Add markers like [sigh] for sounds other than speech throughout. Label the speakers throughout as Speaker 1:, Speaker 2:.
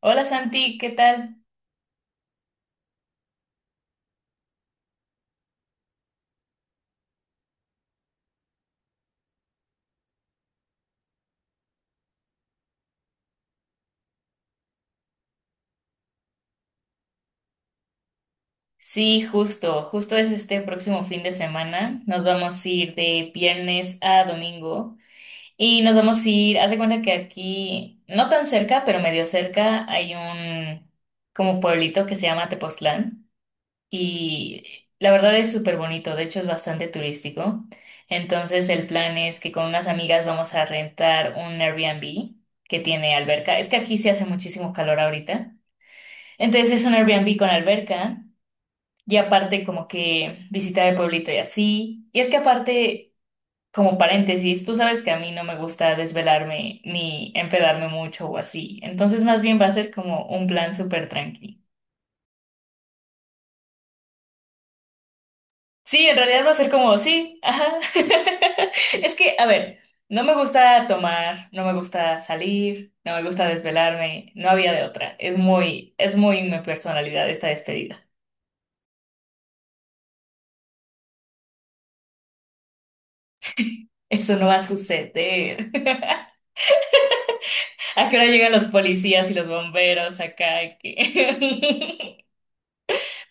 Speaker 1: Hola Santi, ¿qué tal? Sí, justo es este próximo fin de semana. Nos vamos a ir de viernes a domingo y nos vamos a ir, haz de cuenta que aquí, no tan cerca, pero medio cerca, hay un como pueblito que se llama Tepoztlán y la verdad es súper bonito, de hecho es bastante turístico. Entonces el plan es que con unas amigas vamos a rentar un Airbnb que tiene alberca. Es que aquí se hace muchísimo calor ahorita. Entonces es un Airbnb con alberca. Y aparte como que visitar el pueblito y así. Y es que aparte, como paréntesis, tú sabes que a mí no me gusta desvelarme ni empedarme mucho o así. Entonces más bien va a ser como un plan súper tranqui. Sí, en realidad va a ser como, sí, ajá. [laughs] Es que, a ver, no me gusta tomar, no me gusta salir, no me gusta desvelarme, no había de otra. Es muy mi personalidad esta despedida. Eso no va a suceder. [laughs] ¿A qué hora llegan los policías y los bomberos acá? Y que- [laughs]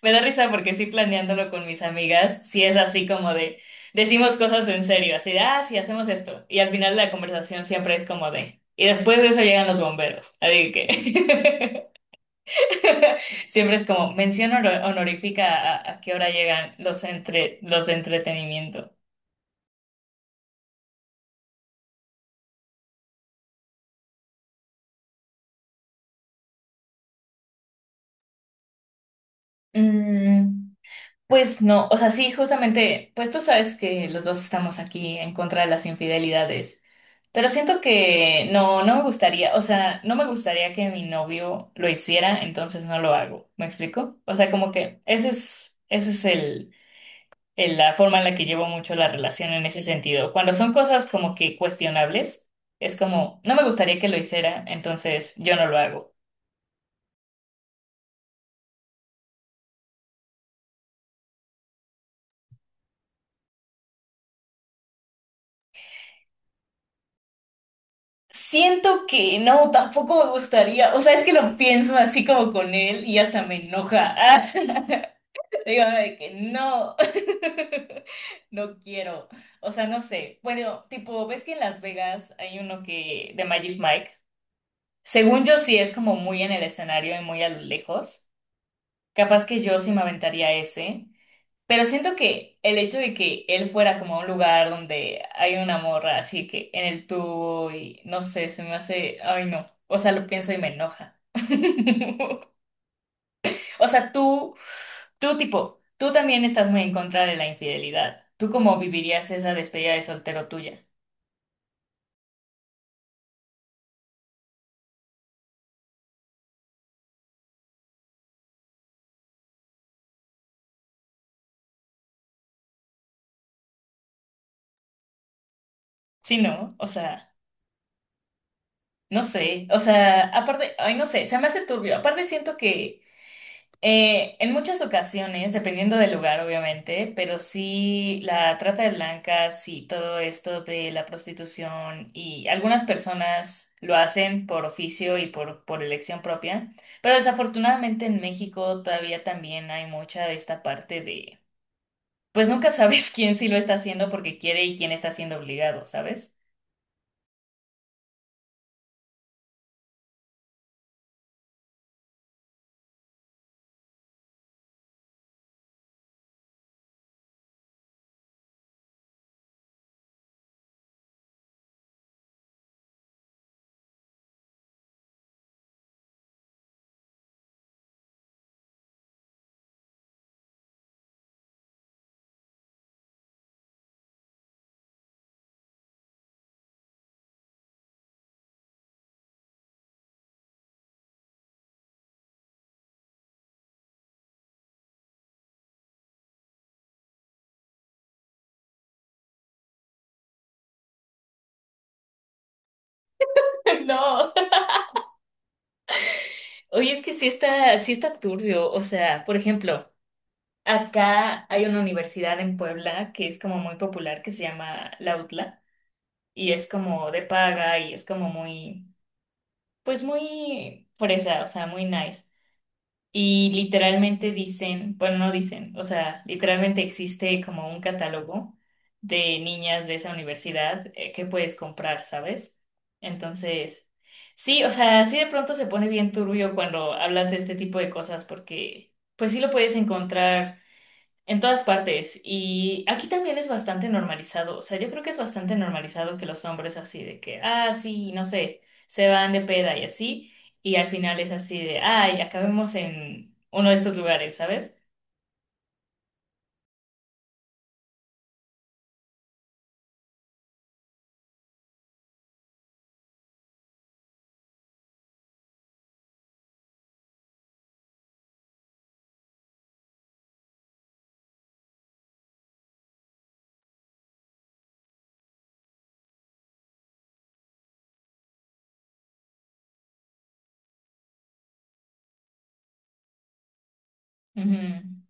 Speaker 1: Me da risa porque sí planeándolo con mis amigas, sí es así como de, decimos cosas en serio, así de, ah, sí, hacemos esto. Y al final la conversación siempre es como de, y después de eso llegan los bomberos. Así que [laughs] siempre es como mención honorífica a qué hora llegan los, entre, los de entretenimiento. Mm, pues no, o sea, sí, justamente, pues tú sabes que los dos estamos aquí en contra de las infidelidades. Pero siento que no, no me gustaría, o sea, no me gustaría que mi novio lo hiciera, entonces no lo hago. ¿Me explico? O sea, como que ese es el, la forma en la que llevo mucho la relación en ese sentido. Cuando son cosas como que cuestionables, es como, no me gustaría que lo hiciera, entonces yo no lo hago. Siento que no, tampoco me gustaría. O sea, es que lo pienso así como con él y hasta me enoja. [laughs] Digo, de que no, [laughs] no quiero. O sea, no sé. Bueno, tipo, ¿ves que en Las Vegas hay uno que de Magic Mike? Según yo sí es como muy en el escenario y muy a lo lejos. Capaz que yo sí me aventaría ese. Pero siento que el hecho de que él fuera como a un lugar donde hay una morra así que en el tubo y no sé, se me hace, ay no. O sea, lo pienso y me enoja. [laughs] O sea, tú tipo, tú también estás muy en contra de la infidelidad. ¿Tú cómo vivirías esa despedida de soltero tuya? Sí, ¿no? O sea, no sé. O sea, aparte, ay, no sé, se me hace turbio. Aparte siento que en muchas ocasiones, dependiendo del lugar, obviamente, pero sí la trata de blancas y todo esto de la prostitución y algunas personas lo hacen por oficio y por elección propia, pero desafortunadamente en México todavía también hay mucha de esta parte de, pues nunca sabes [laughs] quién sí lo está haciendo porque quiere y quién está siendo obligado, ¿sabes? [laughs] No. Oye, es que sí está turbio. O sea, por ejemplo. Acá hay una universidad en Puebla que es como muy popular, que se llama la UTLA, y es como de paga y es como muy, pues muy fresa, o sea, muy nice. Y literalmente dicen, bueno, no dicen, o sea, literalmente existe como un catálogo de niñas de esa universidad que puedes comprar, ¿sabes? Entonces, sí, o sea, sí de pronto se pone bien turbio cuando hablas de este tipo de cosas porque... Pues sí lo puedes encontrar en todas partes. Y aquí también es bastante normalizado. O sea, yo creo que es bastante normalizado que los hombres así de que, ah, sí, no sé, se van de peda y así. Y al final es así de, ay, acabemos en uno de estos lugares, ¿sabes? Ujú.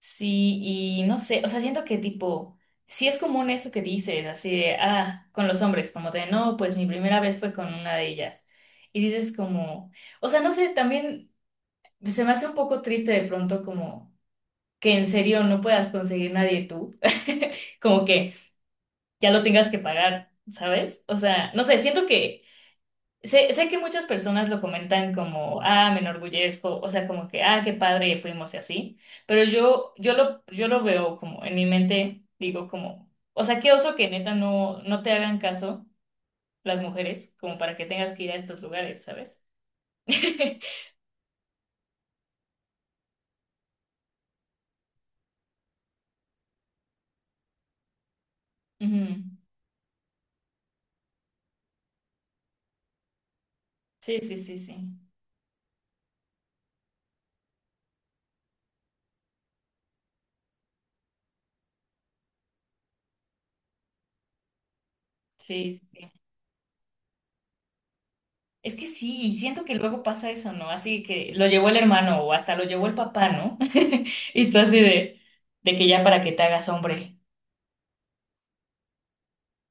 Speaker 1: Sí, y no sé, o sea, siento que tipo, sí es común eso que dices, así de, ah, con los hombres, como de, no, pues mi primera vez fue con una de ellas. Y dices como, o sea, no sé, también se me hace un poco triste de pronto como que en serio no puedas conseguir nadie tú, [laughs] como que ya lo tengas que pagar, ¿sabes? O sea, no sé, siento que sé que muchas personas lo comentan como, ah, me enorgullezco, o sea, como que, ah, qué padre fuimos y así, pero yo lo veo como en mi mente, digo como, o sea, qué oso que neta no, no te hagan caso las mujeres, como para que tengas que ir a estos lugares, ¿sabes? [laughs] Ujú. Sí, sí, sí, sí. Sí, sí. Es que sí, y siento que luego pasa eso, ¿no? Así que lo llevó el hermano o hasta lo llevó el papá, ¿no? [laughs] Y tú así de que ya para que te hagas hombre,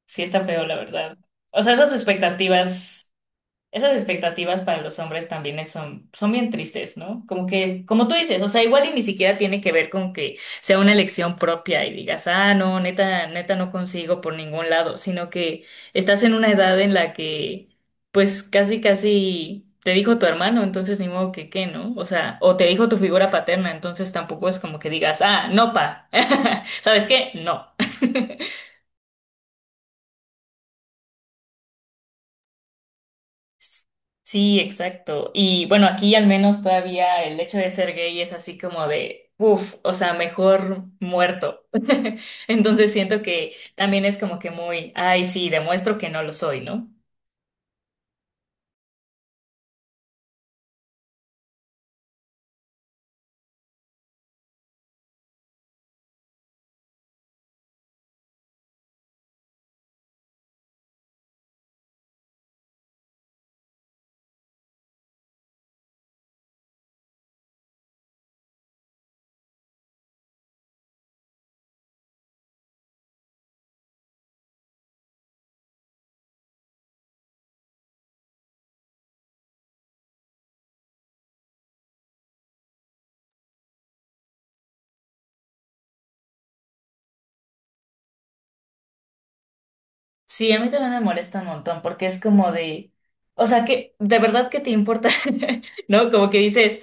Speaker 1: sí está feo, la verdad. O sea, esas expectativas. Esas expectativas para los hombres también son, son bien tristes, ¿no? Como que, como tú dices, o sea, igual y ni siquiera tiene que ver con que sea una elección propia y digas, ah, no, neta, neta no consigo por ningún lado, sino que estás en una edad en la que, pues, casi te dijo tu hermano, entonces ni modo que qué, ¿no? O sea, o te dijo tu figura paterna, entonces tampoco es como que digas, ah, no, pa, [laughs] ¿sabes qué? No. Sí, exacto. Y bueno, aquí al menos todavía el hecho de ser gay es así como de, uff, o sea, mejor muerto. [laughs] Entonces siento que también es como que muy, ay, sí, demuestro que no lo soy, ¿no? Sí, a mí también me molesta un montón porque es como de, o sea, que de verdad que te importa, [laughs] ¿no? Como que dices,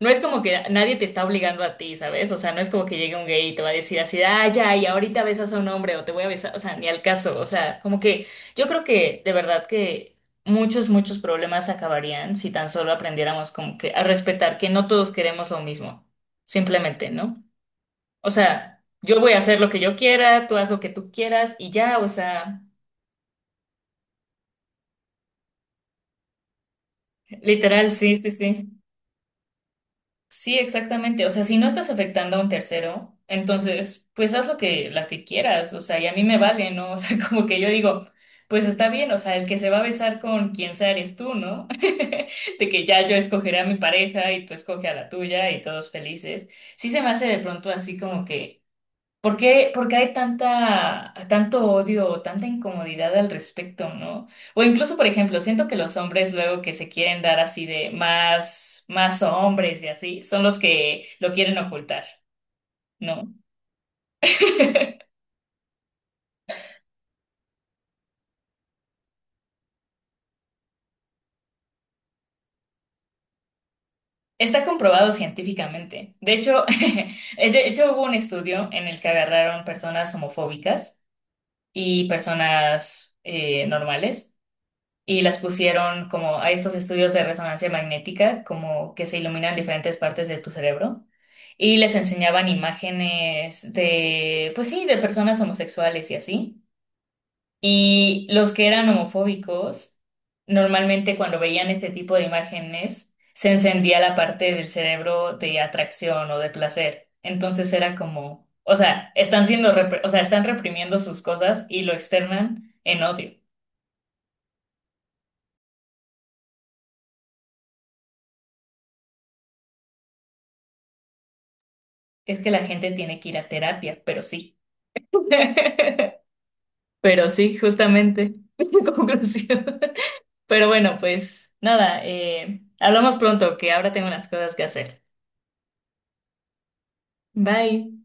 Speaker 1: no es como que nadie te está obligando a ti, ¿sabes? O sea, no es como que llegue un gay y te va a decir así, de, ah, ya, y ahorita besas a un hombre o te voy a besar, o sea, ni al caso, o sea, como que yo creo que de verdad que muchos problemas acabarían si tan solo aprendiéramos como que a respetar que no todos queremos lo mismo, simplemente, ¿no? O sea, yo voy a hacer lo que yo quiera, tú haz lo que tú quieras y ya, o sea... Literal, sí, sí, sí. Sí, exactamente. O sea, si no estás afectando a un tercero, entonces, pues haz lo que, la que quieras. O sea, y a mí me vale, ¿no? [laughs] O sea, como que yo digo, pues está bien, o sea, el que se va a besar con quien sea eres tú, ¿no? [laughs] De que ya yo escogeré a mi pareja y tú escoge a la tuya y todos felices. Sí se me hace de pronto así como que. Por qué hay tanta, tanto odio o tanta incomodidad al respecto, ¿no? O incluso, por ejemplo, siento que los hombres luego que se quieren dar así de más, más hombres y así, son los que lo quieren ocultar, ¿no? Está comprobado científicamente. De hecho, [laughs] de hecho hubo un estudio en el que agarraron personas homofóbicas y personas normales y las pusieron como a estos estudios de resonancia magnética, como que se iluminan diferentes partes de tu cerebro. Y les enseñaban imágenes de, pues sí, de personas homosexuales y así. Y los que eran homofóbicos, normalmente cuando veían este tipo de imágenes, se encendía la parte del cerebro de atracción o de placer. Entonces era como, o sea, están siendo, o sea, están reprimiendo sus cosas y lo externan en odio. Es que la gente tiene que ir a terapia, pero sí. [laughs] Pero sí, justamente. [laughs] Conclusión. Pero bueno, pues nada, hablamos pronto, que ahora tengo unas cosas que hacer. Bye.